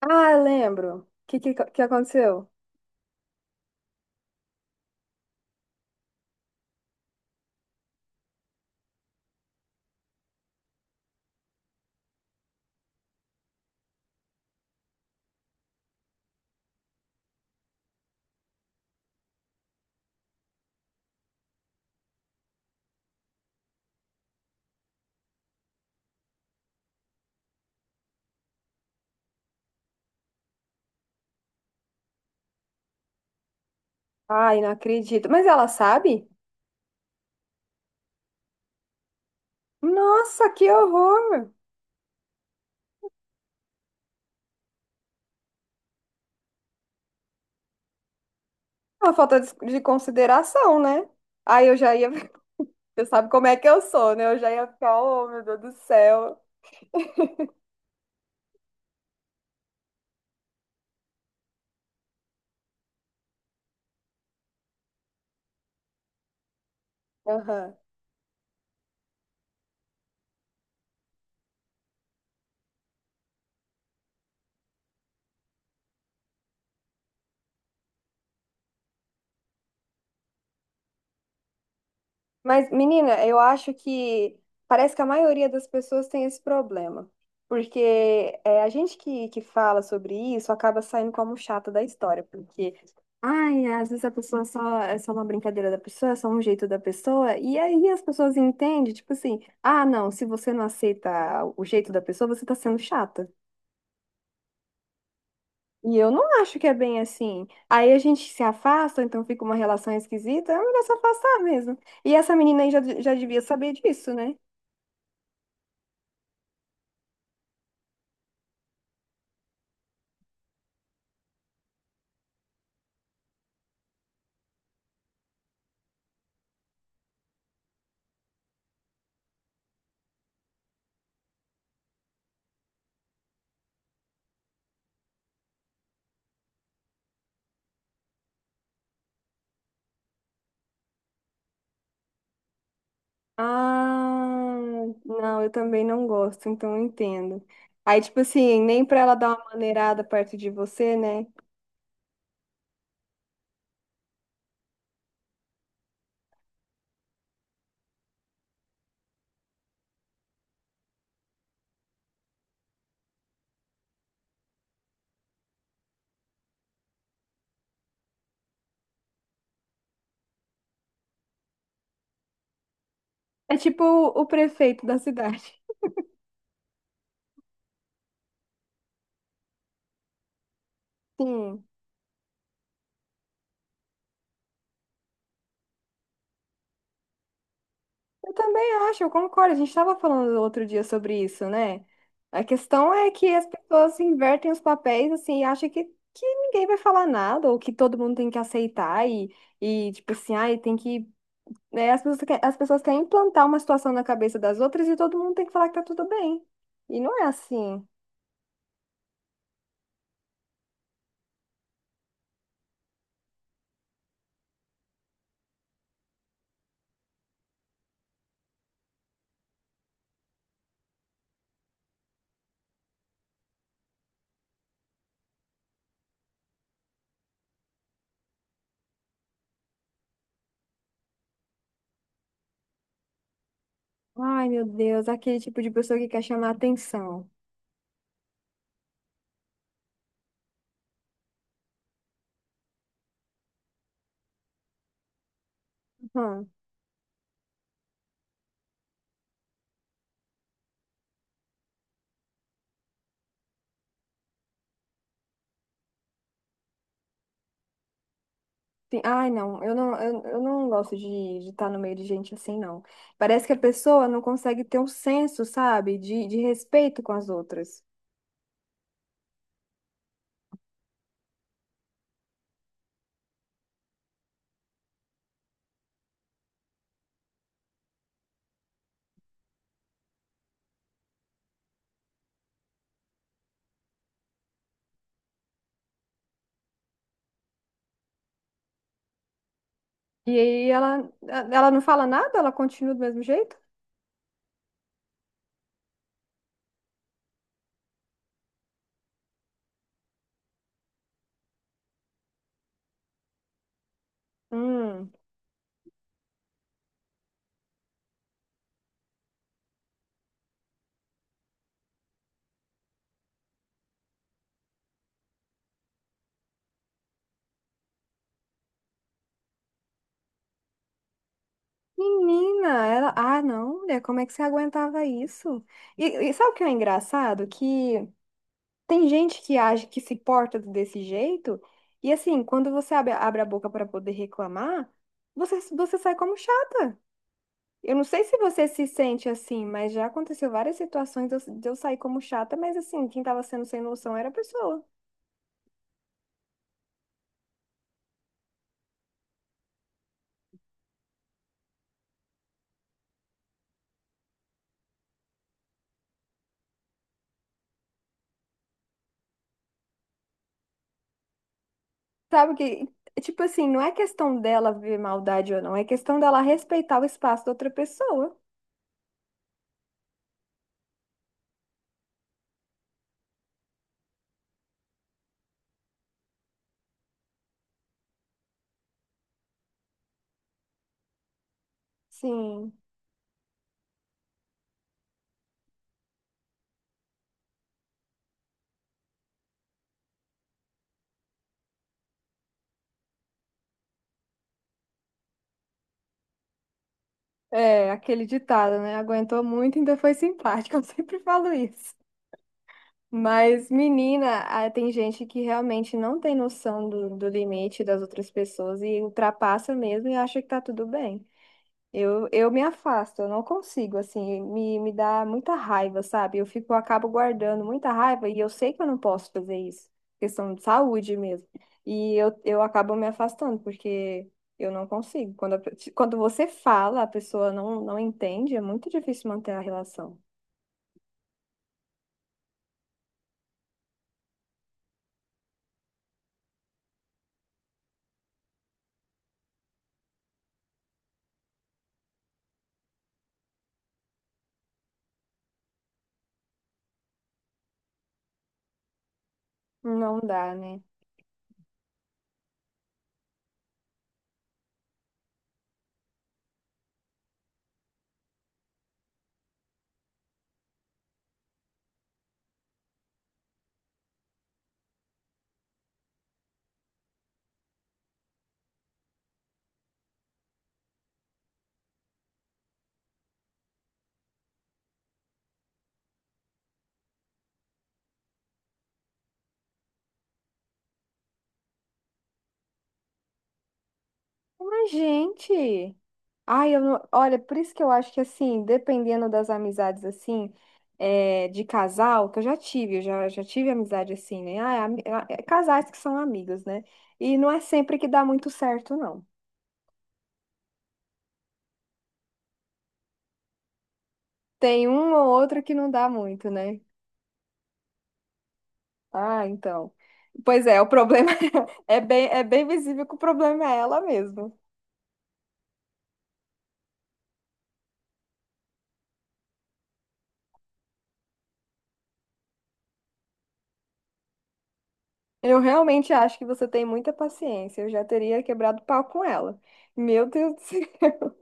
Ah, eu lembro. O que, que aconteceu? Ai, não acredito. Mas ela sabe? Nossa, que horror! Uma falta de consideração, né? Aí eu já ia. Você sabe como é que eu sou, né? Eu já ia ficar, oh, meu Deus do céu. Aham. Mas, menina, eu acho que parece que a maioria das pessoas tem esse problema. Porque é, a gente que fala sobre isso acaba saindo como chata da história. Porque, ai, às vezes a pessoa só é só uma brincadeira da pessoa, é só um jeito da pessoa. E aí as pessoas entendem, tipo assim, ah, não, se você não aceita o jeito da pessoa, você tá sendo chata. E eu não acho que é bem assim. Aí a gente se afasta, então fica uma relação esquisita, é melhor se afastar mesmo. E essa menina aí já, já devia saber disso, né? Ah, não, eu também não gosto, então eu entendo. Aí, tipo assim, nem pra ela dar uma maneirada perto de você, né? É tipo o prefeito da cidade. Sim, eu também acho, eu concordo. A gente estava falando outro dia sobre isso, né? A questão é que as pessoas invertem os papéis, assim, e acham que ninguém vai falar nada, ou que todo mundo tem que aceitar, e tipo assim, ai, tem que. Né, as pessoas, as pessoas querem implantar uma situação na cabeça das outras e todo mundo tem que falar que tá tudo bem. E não é assim. Ai, meu Deus, aquele tipo de pessoa que quer chamar atenção. Hum. Ai, não, eu não gosto de estar no meio de gente assim, não. Parece que a pessoa não consegue ter um senso, sabe, de respeito com as outras. E aí ela não fala nada, ela continua do mesmo jeito? Hum. Menina, ela. Ah, não, mulher, como é que você aguentava isso? E sabe o que é engraçado? Que tem gente que age, que se porta desse jeito, e assim, quando você abre a boca para poder reclamar, você sai como chata. Eu não sei se você se sente assim, mas já aconteceu várias situações de eu sair como chata, mas assim, quem tava sendo sem noção era a pessoa. Sabe que, tipo assim, não é questão dela ver maldade ou não, é questão dela respeitar o espaço da outra pessoa. Sim. É, aquele ditado, né? Aguentou muito, ainda foi simpática. Eu sempre falo isso. Mas, menina, ah, tem gente que realmente não tem noção do, do limite das outras pessoas e ultrapassa mesmo e acha que tá tudo bem. Eu me afasto, eu não consigo, assim, me dá muita raiva, sabe? Eu fico, eu acabo guardando muita raiva e eu sei que eu não posso fazer isso, questão de saúde mesmo. E eu acabo me afastando, porque eu não consigo. Quando, quando você fala, a pessoa não entende, é muito difícil manter a relação. Não dá, né? Mas, gente. Ai, eu não... Olha, por isso que eu acho que, assim, dependendo das amizades, assim, é, de casal, que eu já tive, eu já tive amizade assim, né? Ah, ah, é casais que são amigos, né? E não é sempre que dá muito certo, não. Tem um ou outro que não dá muito, né? Ah, então. Pois é, o problema é bem visível que o problema é ela mesmo. Eu realmente acho que você tem muita paciência. Eu já teria quebrado pau com ela. Meu Deus do céu.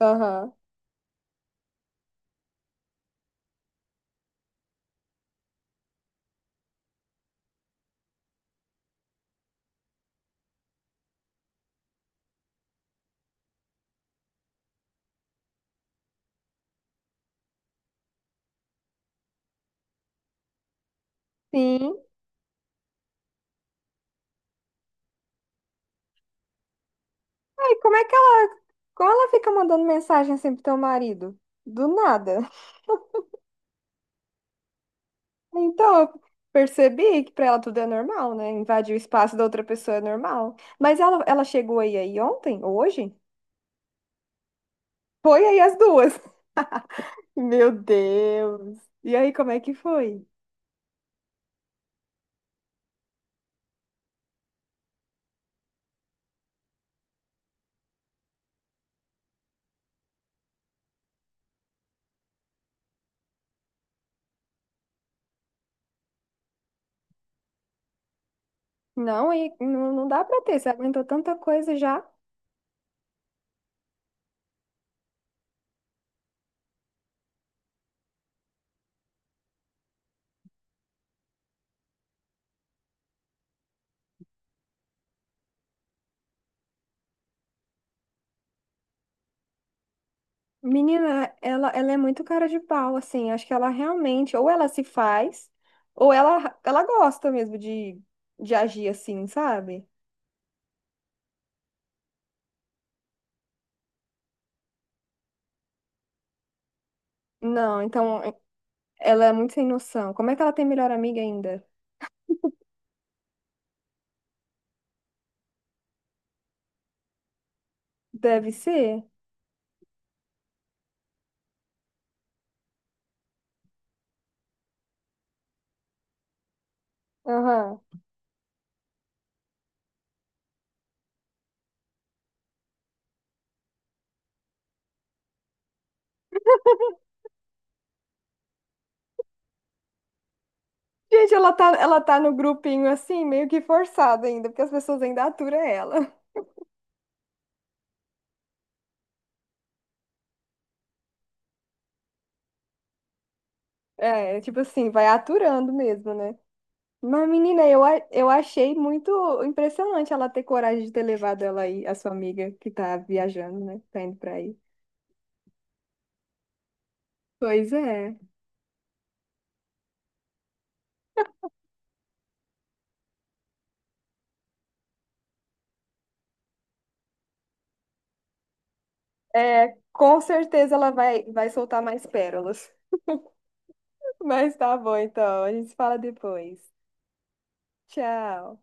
Aham. Sim. Ai, como é. Como ela fica mandando mensagem sempre pro teu marido? Do nada. Então, eu percebi que pra ela tudo é normal, né? Invadir o espaço da outra pessoa é normal. Mas ela chegou aí, aí ontem, ou hoje? Foi aí as duas. Meu Deus. E aí, como é que foi? Não, e não, não dá pra ter. Você aguentou tanta coisa já. Menina, ela é muito cara de pau, assim. Acho que ela realmente, ou ela se faz, ou ela gosta mesmo de agir assim, sabe? Não, então. Ela é muito sem noção. Como é que ela tem melhor amiga ainda? Deve ser. Aham. Gente, ela tá no grupinho assim, meio que forçada ainda, porque as pessoas ainda aturam ela. É, tipo assim, vai aturando mesmo, né? Mas, menina, eu, eu achei muito impressionante ela ter coragem de ter levado ela aí, a sua amiga que tá viajando, né? Tá indo pra aí. Pois é. É, com certeza ela vai, vai soltar mais pérolas. Mas tá bom, então. A gente se fala depois. Tchau.